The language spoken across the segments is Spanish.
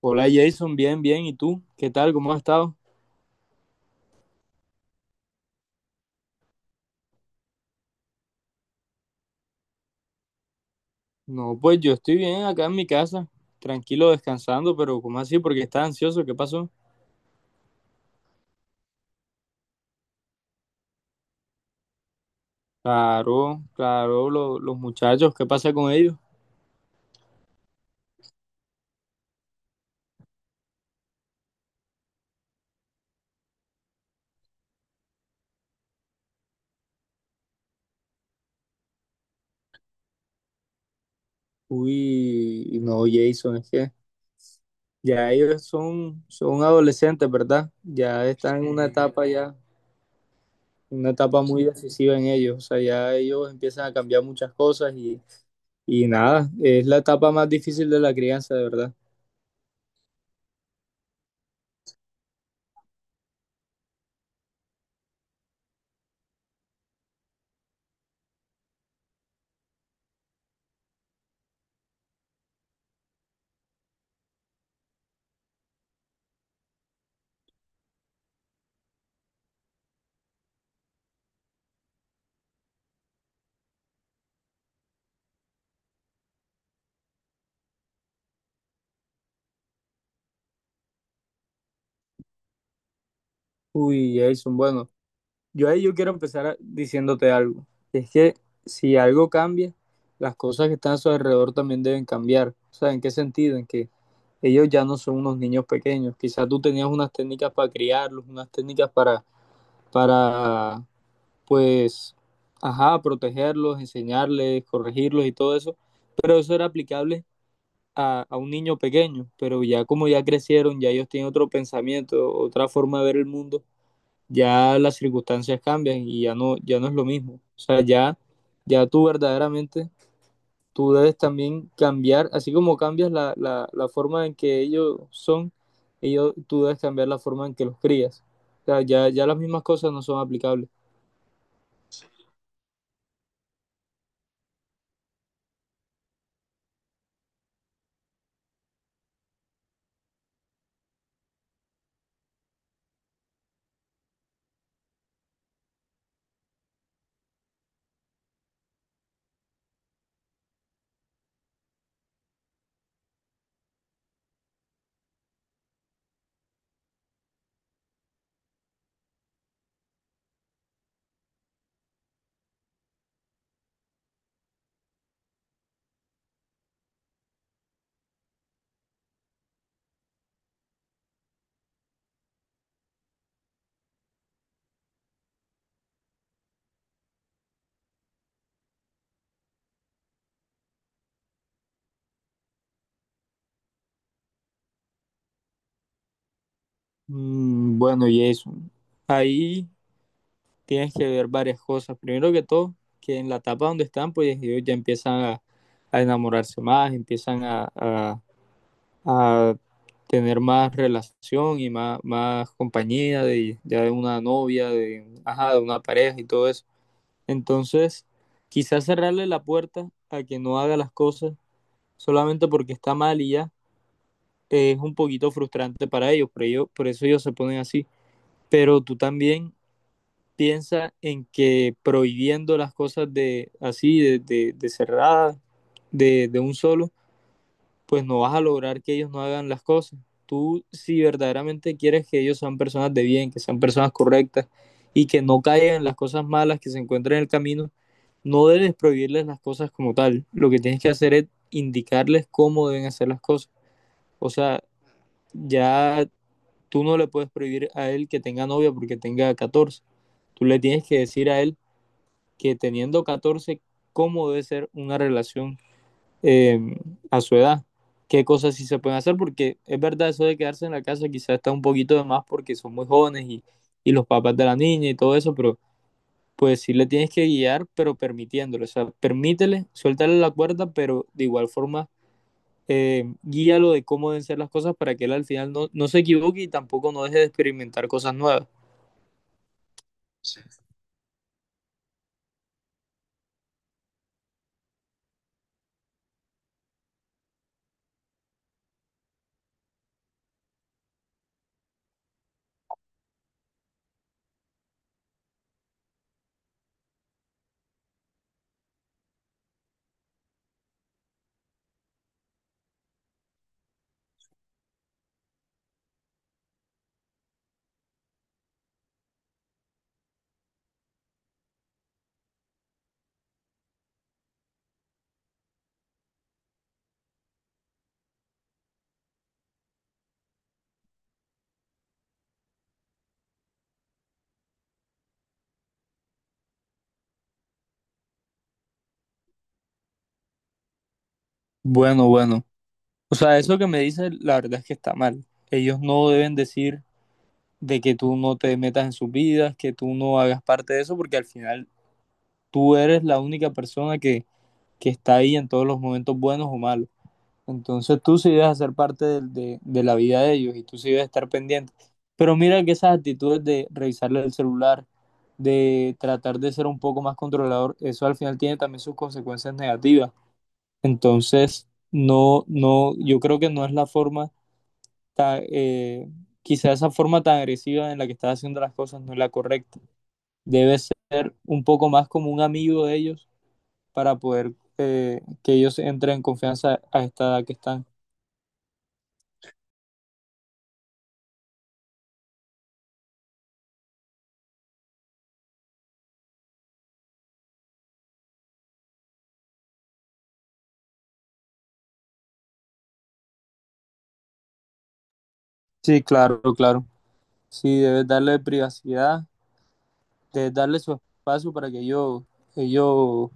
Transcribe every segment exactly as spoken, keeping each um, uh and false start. Hola Jason, bien, bien. ¿Y tú? ¿Qué tal? ¿Cómo has estado? No, pues yo estoy bien acá en mi casa, tranquilo, descansando, pero ¿cómo así? ¿Porque estás ansioso? ¿Qué pasó? Claro, claro, lo- los muchachos, ¿qué pasa con ellos? Uy, no, Jason, es que ya ellos son, son adolescentes, ¿verdad? Ya están en una etapa ya, una etapa muy decisiva en ellos. O sea, ya ellos empiezan a cambiar muchas cosas y, y nada, es la etapa más difícil de la crianza, de verdad. Uy, Jason, bueno. Yo ahí yo quiero empezar a- diciéndote algo. Es que si algo cambia, las cosas que están a su alrededor también deben cambiar. O sea, ¿en qué sentido? En que ellos ya no son unos niños pequeños. Quizás tú tenías unas técnicas para criarlos, unas técnicas para, para, pues, ajá, protegerlos, enseñarles, corregirlos y todo eso. Pero eso era aplicable a, a un niño pequeño. Pero ya como ya crecieron, ya ellos tienen otro pensamiento, otra forma de ver el mundo, ya las circunstancias cambian y ya no, ya no es lo mismo. O sea, ya, ya tú verdaderamente, tú debes también cambiar, así como cambias la, la, la forma en que ellos son, ellos, tú debes cambiar la forma en que los crías. O sea, ya, ya las mismas cosas no son aplicables. Mm, bueno, y eso. Ahí tienes que ver varias cosas. Primero que todo, que en la etapa donde están, pues ellos ya empiezan a, a enamorarse más, empiezan a, a a tener más relación y más, más compañía de, ya de una novia, de, ajá, de una pareja y todo eso. Entonces, quizás cerrarle la puerta a que no haga las cosas solamente porque está mal y ya, eh, es un poquito frustrante para ellos, pero ellos, por eso ellos se ponen así. Pero tú también piensa en que prohibiendo las cosas de así, de, de, de cerradas, de, de un solo, pues no vas a lograr que ellos no hagan las cosas. Tú, si verdaderamente quieres que ellos sean personas de bien, que sean personas correctas y que no caigan en las cosas malas que se encuentran en el camino, no debes prohibirles las cosas como tal. Lo que tienes que hacer es indicarles cómo deben hacer las cosas. O sea, ya tú no le puedes prohibir a él que tenga novia porque tenga catorce. Tú le tienes que decir a él que teniendo catorce cómo debe ser una relación, eh, a su edad. ¿Qué cosas sí se pueden hacer? Porque es verdad, eso de quedarse en la casa quizás está un poquito de más porque son muy jóvenes y, y los papás de la niña y todo eso, pero pues sí le tienes que guiar, pero permitiéndole. O sea, permítele, suéltale la cuerda, pero de igual forma, eh, guíalo de cómo deben ser las cosas para que él al final no, no se equivoque y tampoco no deje de experimentar cosas nuevas. Sí. Bueno, bueno. O sea, eso que me dice, la verdad es que está mal. Ellos no deben decir de que tú no te metas en sus vidas, que tú no hagas parte de eso, porque al final tú eres la única persona que, que está ahí en todos los momentos buenos o malos. Entonces tú sí debes hacer parte de, de- de la vida de ellos y tú sí debes estar pendiente. Pero mira que esas actitudes de revisarle el celular, de tratar de ser un poco más controlador, eso al final tiene también sus consecuencias negativas. Entonces, no, no, yo creo que no es la forma, ta- eh, quizá esa forma tan agresiva en la que estás haciendo las cosas no es la correcta. Debes ser un poco más como un amigo de ellos para poder, eh, que ellos entren en confianza a esta edad que están. Sí, claro, claro. Sí, debes darle privacidad, debes darle su espacio para que ellos, ellos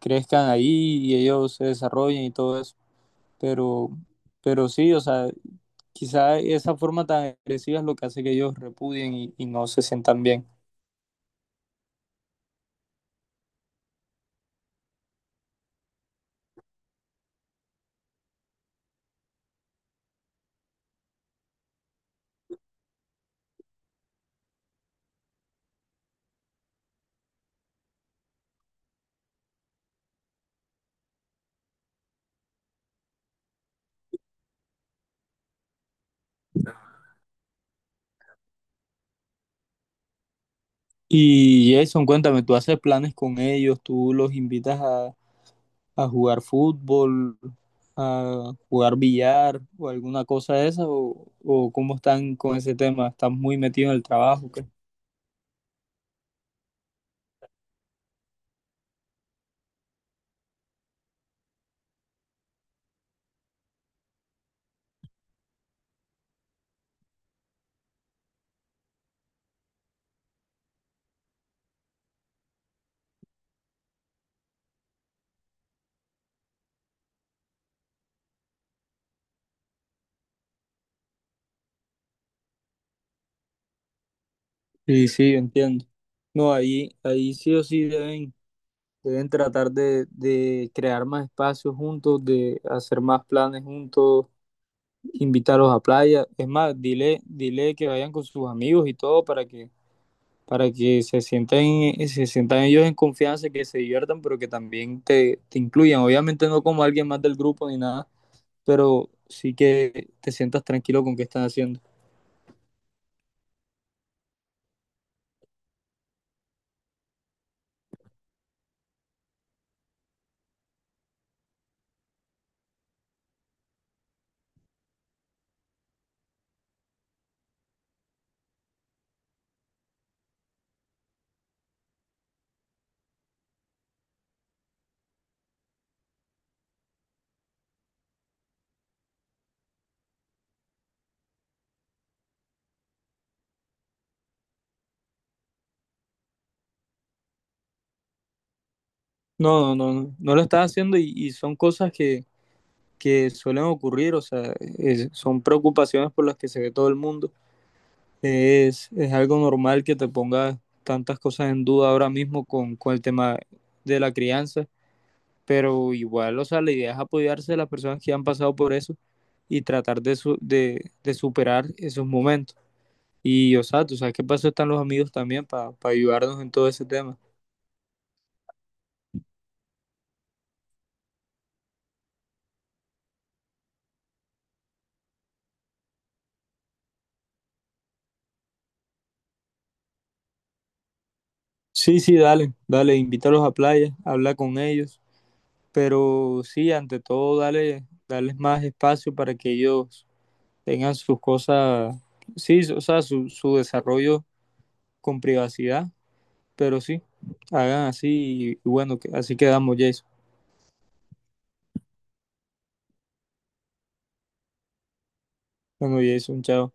crezcan ahí y ellos se desarrollen y todo eso. Pero, pero sí, o sea, quizá esa forma tan agresiva es lo que hace que ellos repudien y, y no se sientan bien. Y Jason, cuéntame, ¿tú haces planes con ellos? ¿Tú los invitas a, a jugar fútbol, a jugar billar o alguna cosa de esa? ¿O, o cómo están con ese tema? ¿Están muy metidos en el trabajo? ¿Qué? Sí, sí, yo entiendo. No, ahí, ahí sí o sí deben, deben tratar de, de crear más espacios juntos, de hacer más planes juntos, invitarlos a playa. Es más, dile, dile que vayan con sus amigos y todo para que, para que se sientan, en- se sientan ellos en confianza, que se diviertan, pero que también te, te incluyan. Obviamente no como alguien más del grupo ni nada, pero sí que te sientas tranquilo con qué están haciendo. No, no, no, no, no lo estás haciendo y, y son cosas que, que suelen ocurrir, o sea, es- son preocupaciones por las que se ve todo el mundo. Es, es algo normal que te pongas tantas cosas en duda ahora mismo con, con el tema de la crianza, pero igual, o sea, la idea es apoyarse a las personas que han pasado por eso y tratar de, su- de, de superar esos momentos. Y, o sea, tú sabes qué pasó, están los amigos también para ayudarnos en todo ese tema. Sí, sí, dale, dale, invítalos a playa, habla con ellos, pero sí, ante todo, dale, darles más espacio para que ellos tengan sus cosas, sí, o sea, su, su desarrollo con privacidad, pero sí, hagan así y, y bueno, que- así quedamos, Jason. Bueno, Jason, chao.